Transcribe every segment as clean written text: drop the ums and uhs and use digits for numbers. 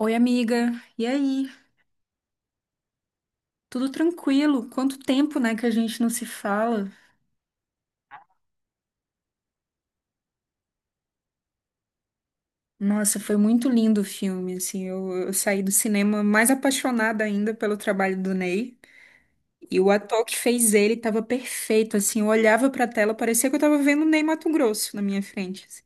Oi, amiga. E aí? Tudo tranquilo? Quanto tempo, né, que a gente não se fala? Nossa, foi muito lindo o filme, assim. Eu saí do cinema mais apaixonada ainda pelo trabalho do Ney. E o ator que fez ele estava perfeito, assim. Eu olhava para a tela, parecia que eu estava vendo o Ney Matogrosso na minha frente, assim.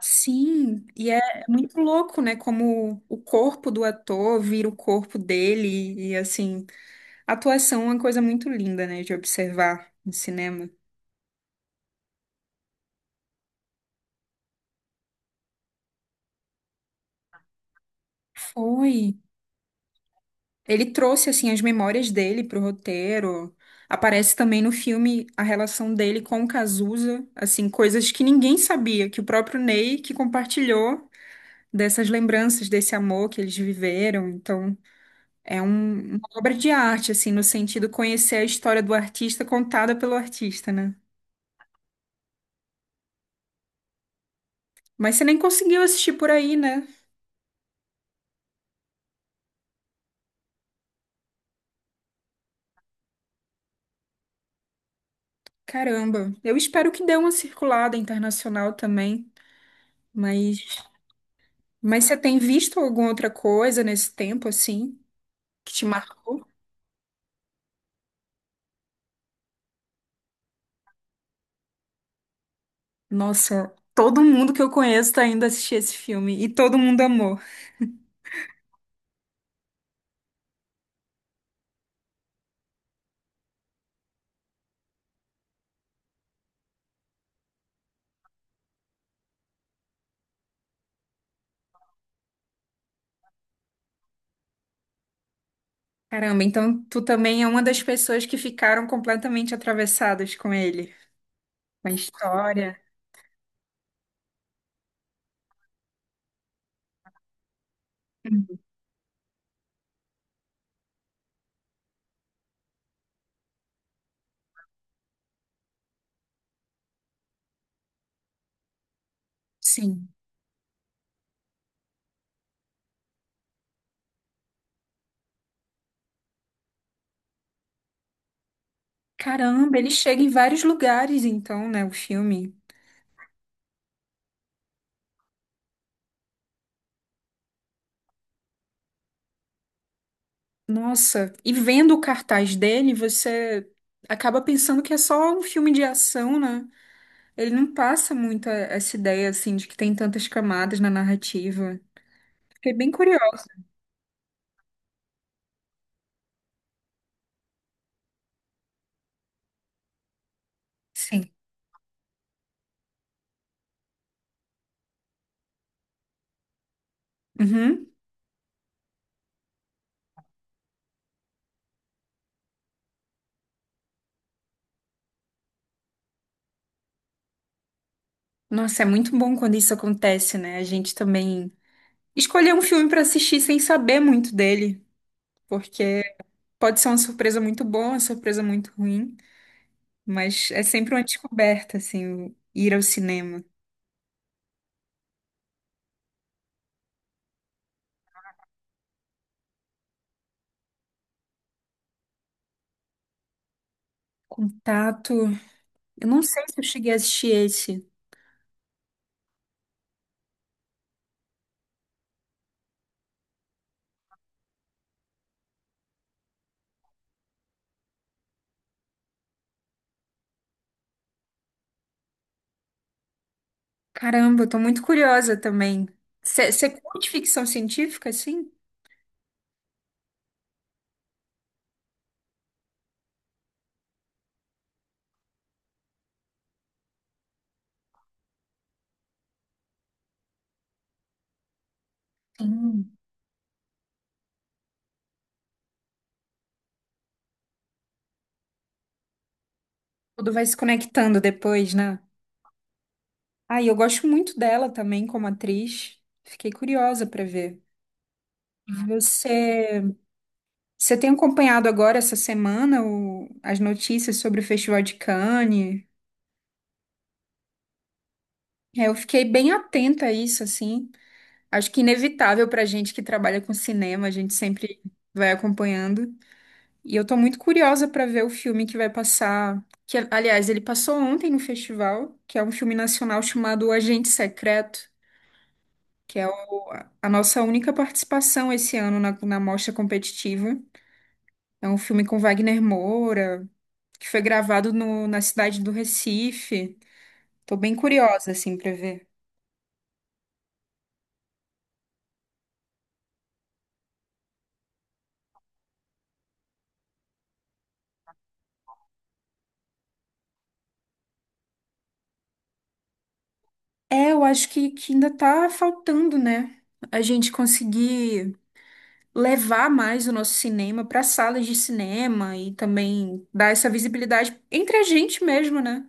Sim, e é muito louco, né? Como o corpo do ator vira o corpo dele, e assim, a atuação é uma coisa muito linda, né, de observar no cinema. Foi. Ele trouxe assim as memórias dele pro roteiro. Aparece também no filme a relação dele com o Cazuza, assim, coisas que ninguém sabia, que o próprio Ney que compartilhou dessas lembranças, desse amor que eles viveram. Então, uma obra de arte, assim, no sentido conhecer a história do artista contada pelo artista, né? Mas você nem conseguiu assistir por aí, né? Caramba. Eu espero que dê uma circulada internacional também, mas mas você tem visto alguma outra coisa nesse tempo, assim, que te marcou? Nossa, todo mundo que eu conheço tá indo assistir esse filme e todo mundo amou. Caramba, então tu também é uma das pessoas que ficaram completamente atravessadas com ele, com a história. Hum. Sim. Caramba, ele chega em vários lugares, então, né, o filme. Nossa, e vendo o cartaz dele, você acaba pensando que é só um filme de ação, né? Ele não passa muito essa ideia, assim, de que tem tantas camadas na narrativa. Fiquei bem curiosa. Sim. Uhum. Nossa, é muito bom quando isso acontece, né? A gente também escolher um filme pra assistir sem saber muito dele, porque pode ser uma surpresa muito boa, uma surpresa muito ruim, mas é sempre uma descoberta, assim, ir ao cinema. Contato. Eu não sei se eu cheguei a assistir esse. Caramba, eu tô muito curiosa também. Você curte ficção científica, assim? Sim. Tudo vai se conectando depois, né? Ah, e eu gosto muito dela também como atriz. Fiquei curiosa pra ver. Você Você tem acompanhado agora essa semana as notícias sobre o Festival de Cannes? É, eu fiquei bem atenta a isso, assim. Acho que inevitável para gente que trabalha com cinema, a gente sempre vai acompanhando. E eu tô muito curiosa para ver o filme que vai passar. Que, aliás, ele passou ontem no festival, que é um filme nacional chamado O Agente Secreto, que é o- a nossa única participação esse ano na mostra competitiva. É um filme com Wagner Moura, que foi gravado na cidade do Recife. Tô bem curiosa, assim, pra ver. É, eu acho que ainda tá faltando, né? A gente conseguir levar mais o nosso cinema para salas de cinema e também dar essa visibilidade entre a gente mesmo, né?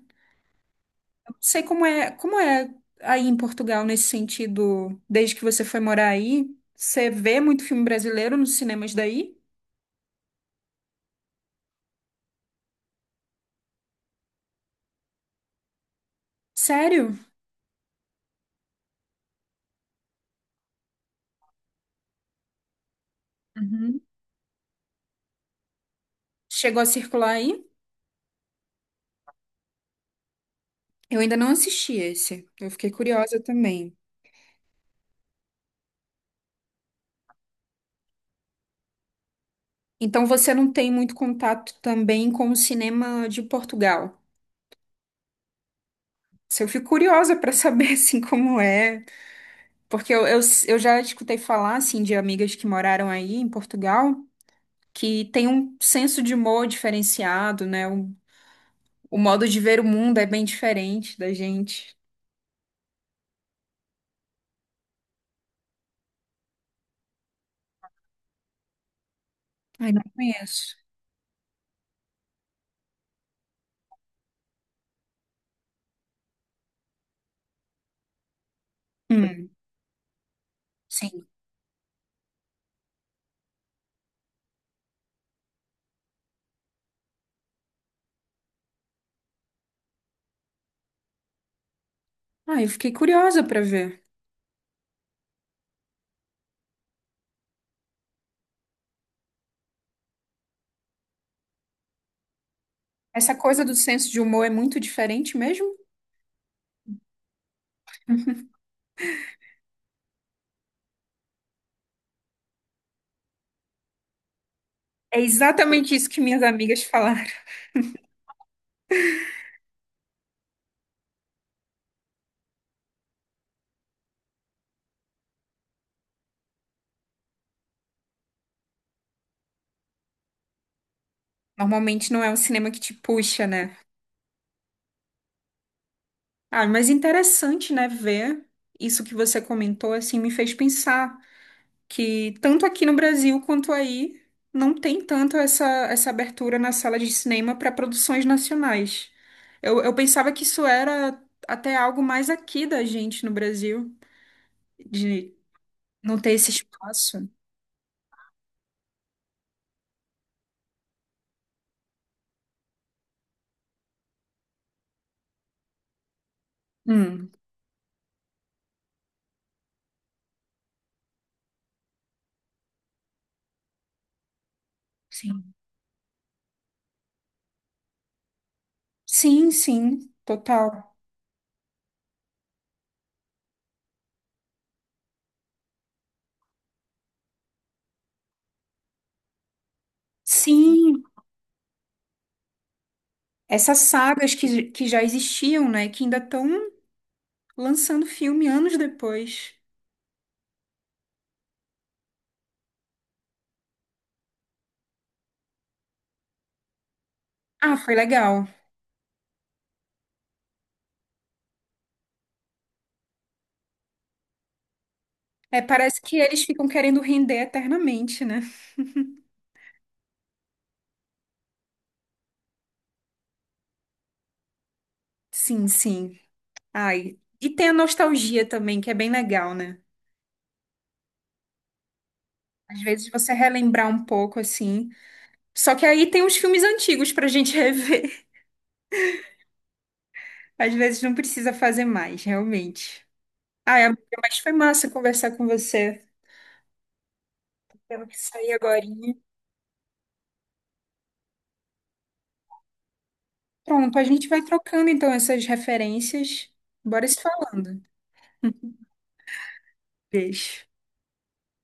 Eu não sei como é aí em Portugal nesse sentido, desde que você foi morar aí. Você vê muito filme brasileiro nos cinemas daí? Sério? Uhum. Chegou a circular aí? Eu ainda não assisti esse. Eu fiquei curiosa também. Então você não tem muito contato também com o cinema de Portugal. Se Eu fico curiosa para saber assim como é, porque eu já escutei falar assim de amigas que moraram aí em Portugal que tem um senso de humor diferenciado, né? O modo de ver o mundo é bem diferente da gente. Ai, não conheço. Hum, sim. Ah, eu fiquei curiosa para ver. Essa coisa do senso de humor é muito diferente mesmo? É exatamente isso que minhas amigas falaram. Normalmente não é um cinema que te puxa, né? Ah, mas interessante, né, ver isso que você comentou, assim, me fez pensar que tanto aqui no Brasil quanto aí não tem essa abertura na sala de cinema para produções nacionais. Eu pensava que isso era até algo mais aqui da gente no Brasil, de não ter esse espaço. Hum, sim. Sim, sim, total. Sim. Essas sagas que já existiam, né? Que ainda estão lançando filme anos depois. Ah, foi legal. É, parece que eles ficam querendo render eternamente, né? Sim, sim. Ai. E tem a nostalgia também, que é bem legal, né? Às vezes você relembrar um pouco, assim. Só que aí tem os filmes antigos pra gente rever. Às vezes não precisa fazer mais, realmente. Ai, amiga, mas foi massa conversar com você. Temos que sair agora. Pronto, a gente vai trocando então essas referências. Bora se falando. Beijo.